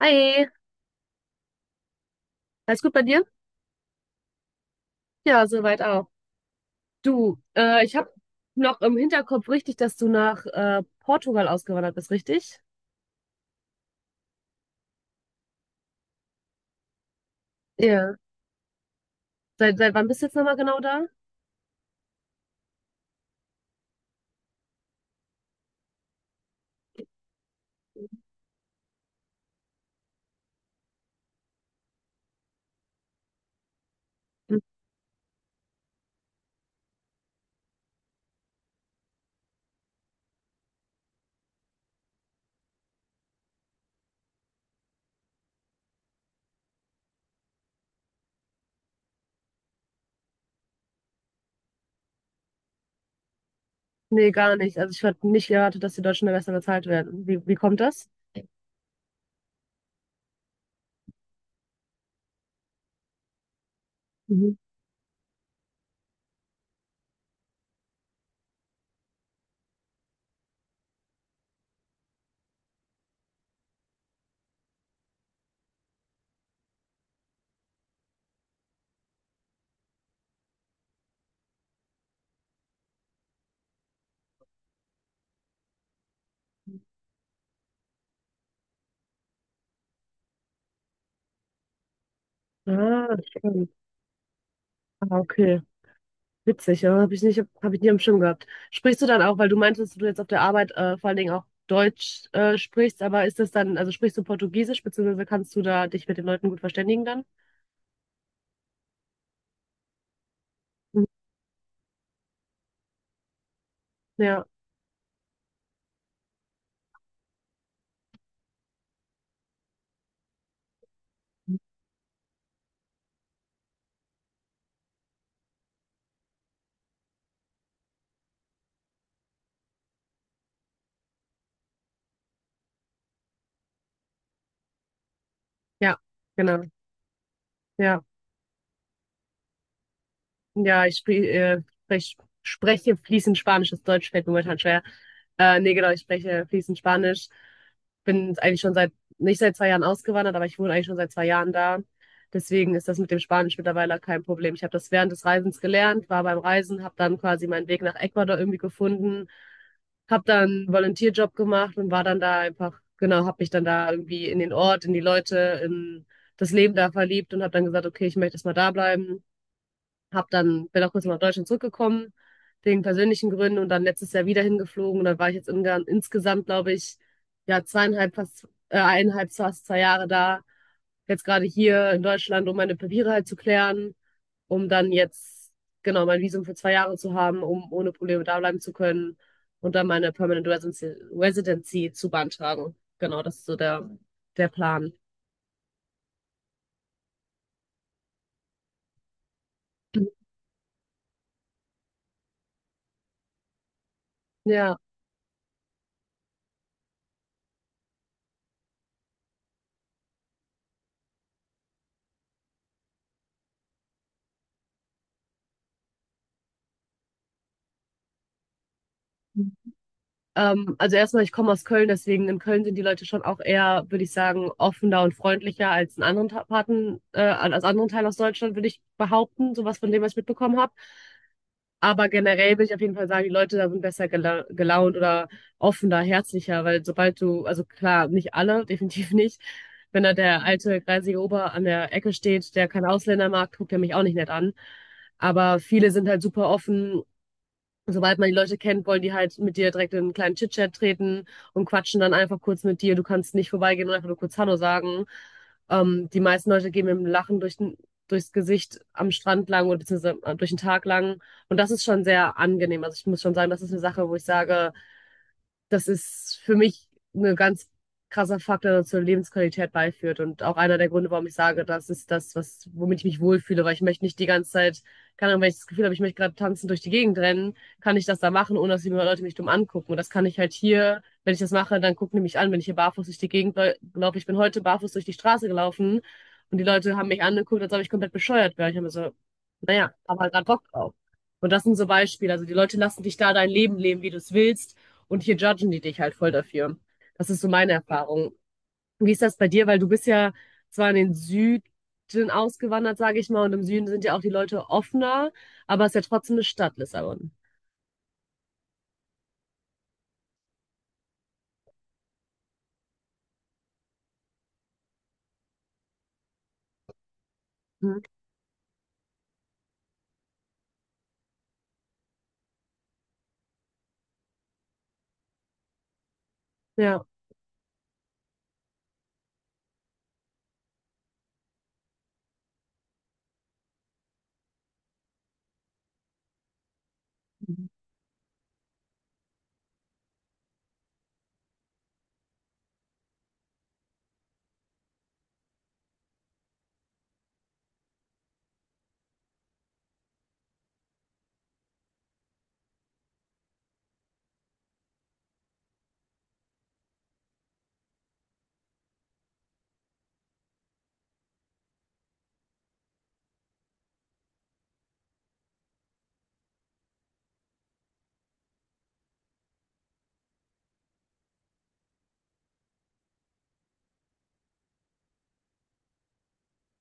Hi, alles gut bei dir? Ja, soweit auch. Du, ich habe noch im Hinterkopf richtig, dass du nach Portugal ausgewandert bist, richtig? Ja. Seit wann bist du jetzt nochmal genau da? Hm. Nee, gar nicht. Also ich hatte nicht erwartet, dass die Deutschen da besser bezahlt werden. Wie, wie kommt das? Mhm. Ah, stimmt. Ah, okay. Witzig, ja. Habe ich nicht, hab ich nie am Schirm gehabt. Sprichst du dann auch, weil du meintest, dass du jetzt auf der Arbeit vor allen Dingen auch Deutsch sprichst, aber ist das dann, also sprichst du Portugiesisch, beziehungsweise kannst du da dich mit den Leuten gut verständigen dann? Mhm. Ja. Ja, genau. Ja. Ja, spreche fließend Spanisch. Das Deutsch fällt mir momentan schwer. Nee, genau, ich spreche fließend Spanisch. Bin nicht seit 2 Jahren ausgewandert, aber ich wohne eigentlich schon seit 2 Jahren da. Deswegen ist das mit dem Spanisch mittlerweile kein Problem. Ich habe das während des Reisens gelernt, war beim Reisen, habe dann quasi meinen Weg nach Ecuador irgendwie gefunden, habe dann einen Volunteerjob gemacht und war dann da einfach, genau, habe mich dann da irgendwie in den Ort, in die Leute, in das Leben da verliebt und habe dann gesagt, okay, ich möchte jetzt mal da bleiben. Hab dann, bin auch kurz mal nach Deutschland zurückgekommen, wegen persönlichen Gründen und dann letztes Jahr wieder hingeflogen. Und dann war ich jetzt insgesamt, glaube ich, ja, eineinhalb, fast 2 Jahre da. Jetzt gerade hier in Deutschland, um meine Papiere halt zu klären, um dann jetzt, genau, mein Visum für 2 Jahre zu haben, um ohne Probleme da bleiben zu können und dann meine Residency zu beantragen. Genau, das ist so der Plan. Ja. Also erstmal, ich komme aus Köln, deswegen in Köln sind die Leute schon auch eher, würde ich sagen, offener und freundlicher als in anderen Parten, als anderen Teil aus Deutschland, würde ich behaupten, sowas von dem, was ich mitbekommen habe. Aber generell will ich auf jeden Fall sagen, die Leute da sind besser gelaunt oder offener, herzlicher, weil sobald du, also klar, nicht alle, definitiv nicht. Wenn da der alte greisige Ober an der Ecke steht, der kein Ausländer mag, guckt er mich auch nicht nett an. Aber viele sind halt super offen. Sobald man die Leute kennt, wollen die halt mit dir direkt in einen kleinen Chit-Chat treten und quatschen dann einfach kurz mit dir. Du kannst nicht vorbeigehen und einfach nur kurz Hallo sagen. Die meisten Leute gehen mit dem Lachen durchs Gesicht am Strand lang oder beziehungsweise durch den Tag lang. Und das ist schon sehr angenehm. Also ich muss schon sagen, das ist eine Sache, wo ich sage, das ist für mich ein ganz krasser Faktor, der zur Lebensqualität beiführt. Und auch einer der Gründe, warum ich sage, das ist womit ich mich wohlfühle, weil ich möchte nicht die ganze Zeit, keine Ahnung, wenn ich das Gefühl habe, ich möchte gerade tanzen durch die Gegend rennen, kann ich das da machen, ohne dass die Leute mich dumm angucken. Und das kann ich halt hier, wenn ich das mache, dann gucken die mich an, wenn ich hier barfuß durch die Gegend laufe. Ich bin heute barfuß durch die Straße gelaufen und die Leute haben mich angeguckt, als ob ich komplett bescheuert wäre. Ich habe mir so, naja, hab halt gerade Bock drauf. Und das sind so Beispiele. Also die Leute lassen dich da dein Leben leben, wie du es willst. Und hier judgen die dich halt voll dafür. Das ist so meine Erfahrung. Wie ist das bei dir? Weil du bist ja zwar in den Süden ausgewandert, sage ich mal, und im Süden sind ja auch die Leute offener, aber es ist ja trotzdem eine Stadt, Lissabon. Mhm. Ja.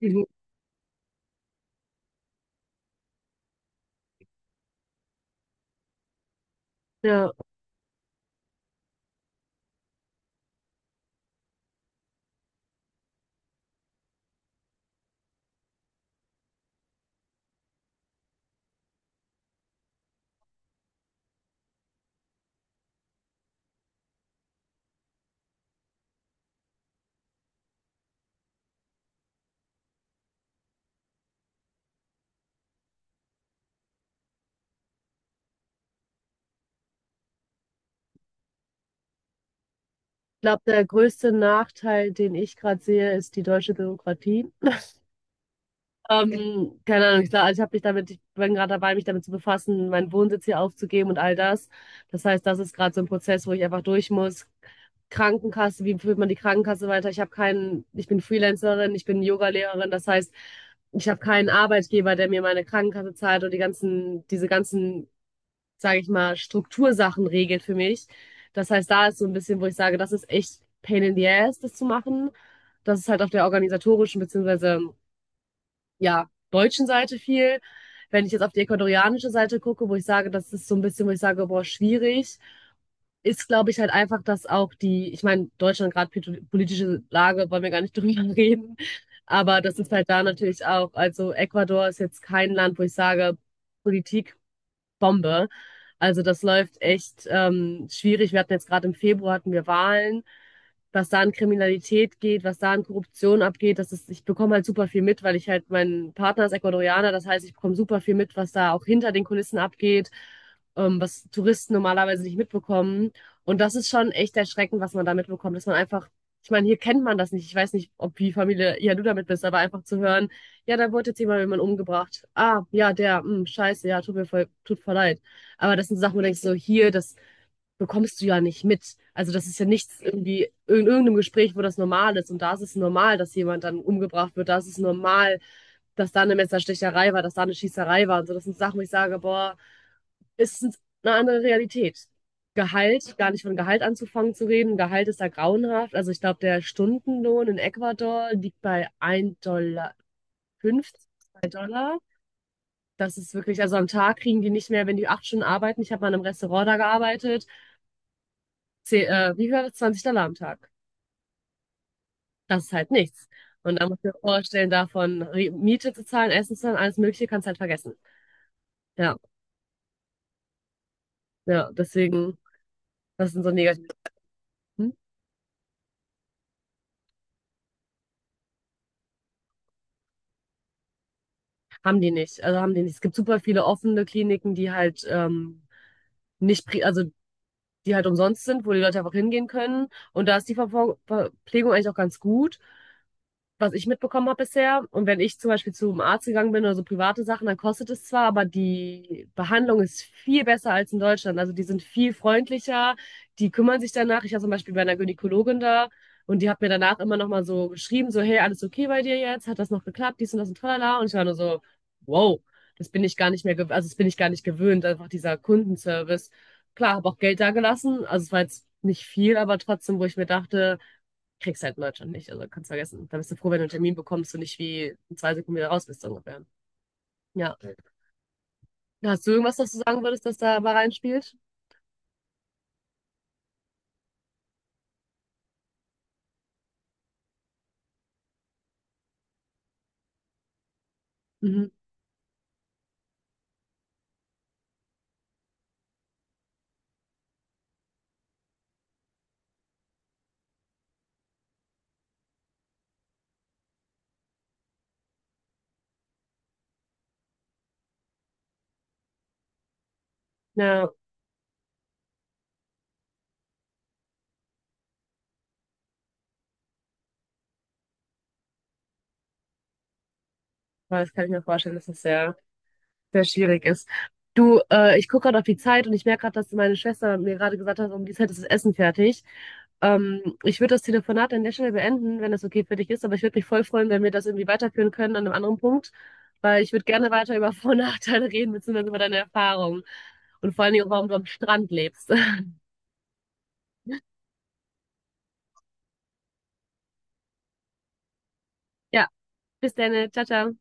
Mhm. Ja, ich glaube, der größte Nachteil, den ich gerade sehe, ist die deutsche Bürokratie. Keine Ahnung, ich, glaub, also ich habe mich damit, ich bin gerade dabei, mich damit zu befassen, meinen Wohnsitz hier aufzugeben und all das. Das heißt, das ist gerade so ein Prozess, wo ich einfach durch muss. Krankenkasse, wie führt man die Krankenkasse weiter? Ich habe keinen, ich bin Freelancerin, ich bin Yogalehrerin, das heißt, ich habe keinen Arbeitgeber, der mir meine Krankenkasse zahlt und die ganzen, diese ganzen, sage ich mal, Struktursachen regelt für mich. Das heißt, da ist so ein bisschen, wo ich sage, das ist echt pain in the ass, das zu machen. Das ist halt auf der organisatorischen bzw. ja, deutschen Seite viel. Wenn ich jetzt auf die ecuadorianische Seite gucke, wo ich sage, das ist so ein bisschen, wo ich sage, boah, schwierig, ist, glaube ich, halt einfach, dass auch die, ich meine, Deutschland gerade politische Lage, wollen wir gar nicht drüber reden, aber das ist halt da natürlich auch, also Ecuador ist jetzt kein Land, wo ich sage, Politik Bombe. Also das läuft echt schwierig. Wir hatten jetzt gerade im Februar hatten wir Wahlen. Was da an Kriminalität geht, was da an Korruption abgeht, das ist, ich bekomme halt super viel mit, weil ich halt, mein Partner ist Ecuadorianer, das heißt, ich bekomme super viel mit, was da auch hinter den Kulissen abgeht, was Touristen normalerweise nicht mitbekommen. Und das ist schon echt erschreckend, was man da mitbekommt, dass man einfach, ich meine, hier kennt man das nicht. Ich weiß nicht, ob wie Familie, ja, du damit bist, aber einfach zu hören, ja, da wurde jetzt jemand umgebracht. Ah, ja, der, scheiße, ja, tut mir voll, tut voll leid. Aber das sind so Sachen, wo du denkst, so hier, das bekommst du ja nicht mit. Also das ist ja nichts irgendwie in irgendeinem Gespräch, wo das normal ist. Und da ist es normal, dass jemand dann umgebracht wird. Da ist es normal, dass da eine Messerstecherei war, dass da eine Schießerei war. Und so, das sind Sachen, wo ich sage, boah, ist es eine andere Realität. Gehalt, gar nicht von Gehalt anzufangen zu reden. Gehalt ist da grauenhaft. Also ich glaube, der Stundenlohn in Ecuador liegt bei 1,80 Dollar, 2 Dollar. Das ist wirklich, also am Tag kriegen die nicht mehr, wenn die 8 Stunden arbeiten. Ich habe mal in einem Restaurant da gearbeitet. Wie viel war das? 20 $ am Tag. Das ist halt nichts. Und da muss ich mir vorstellen, davon Miete zu zahlen, Essen zu zahlen, alles Mögliche kannst halt vergessen. Ja, ja, deswegen, das sind so negative Sachen. Haben die nicht. Also haben die nicht. Es gibt super viele offene Kliniken, die halt nicht, also die halt umsonst sind, wo die Leute einfach hingehen können. Und da ist die Verpflegung eigentlich auch ganz gut, was ich mitbekommen habe bisher. Und wenn ich zum Beispiel zum Arzt gegangen bin oder so private Sachen, dann kostet es zwar, aber die Behandlung ist viel besser als in Deutschland. Also die sind viel freundlicher, die kümmern sich danach. Ich war zum Beispiel bei einer Gynäkologin da und die hat mir danach immer nochmal so geschrieben, so, hey, alles okay bei dir jetzt? Hat das noch geklappt? Dies und das und tralala. Und ich war nur so, wow, das bin ich gar nicht mehr, also das bin ich gar nicht gewöhnt, einfach dieser Kundenservice. Klar, habe auch Geld da gelassen. Also es war jetzt nicht viel, aber trotzdem, wo ich mir dachte, kriegst halt in Deutschland nicht. Also kannst vergessen. Da bist du froh, wenn du einen Termin bekommst und nicht wie in 2 Sekunden wieder raus bist, so ungefähr. Ja. Ja. Hast du irgendwas, was du sagen würdest, das da mal reinspielt? Mhm. Ja, weil das kann ich mir vorstellen, dass das sehr sehr schwierig ist. Du, ich gucke gerade auf die Zeit und ich merke gerade, dass meine Schwester mir gerade gesagt hat, um die Zeit ist das Essen fertig. Ich würde das Telefonat an der Stelle beenden, wenn das okay für dich ist, aber ich würde mich voll freuen, wenn wir das irgendwie weiterführen können an einem anderen Punkt, weil ich würde gerne weiter über Vor- und Nachteile reden, beziehungsweise über deine Erfahrungen und vor allen Dingen, auch, warum du am Strand lebst. Ja, bis dann, ciao, ciao.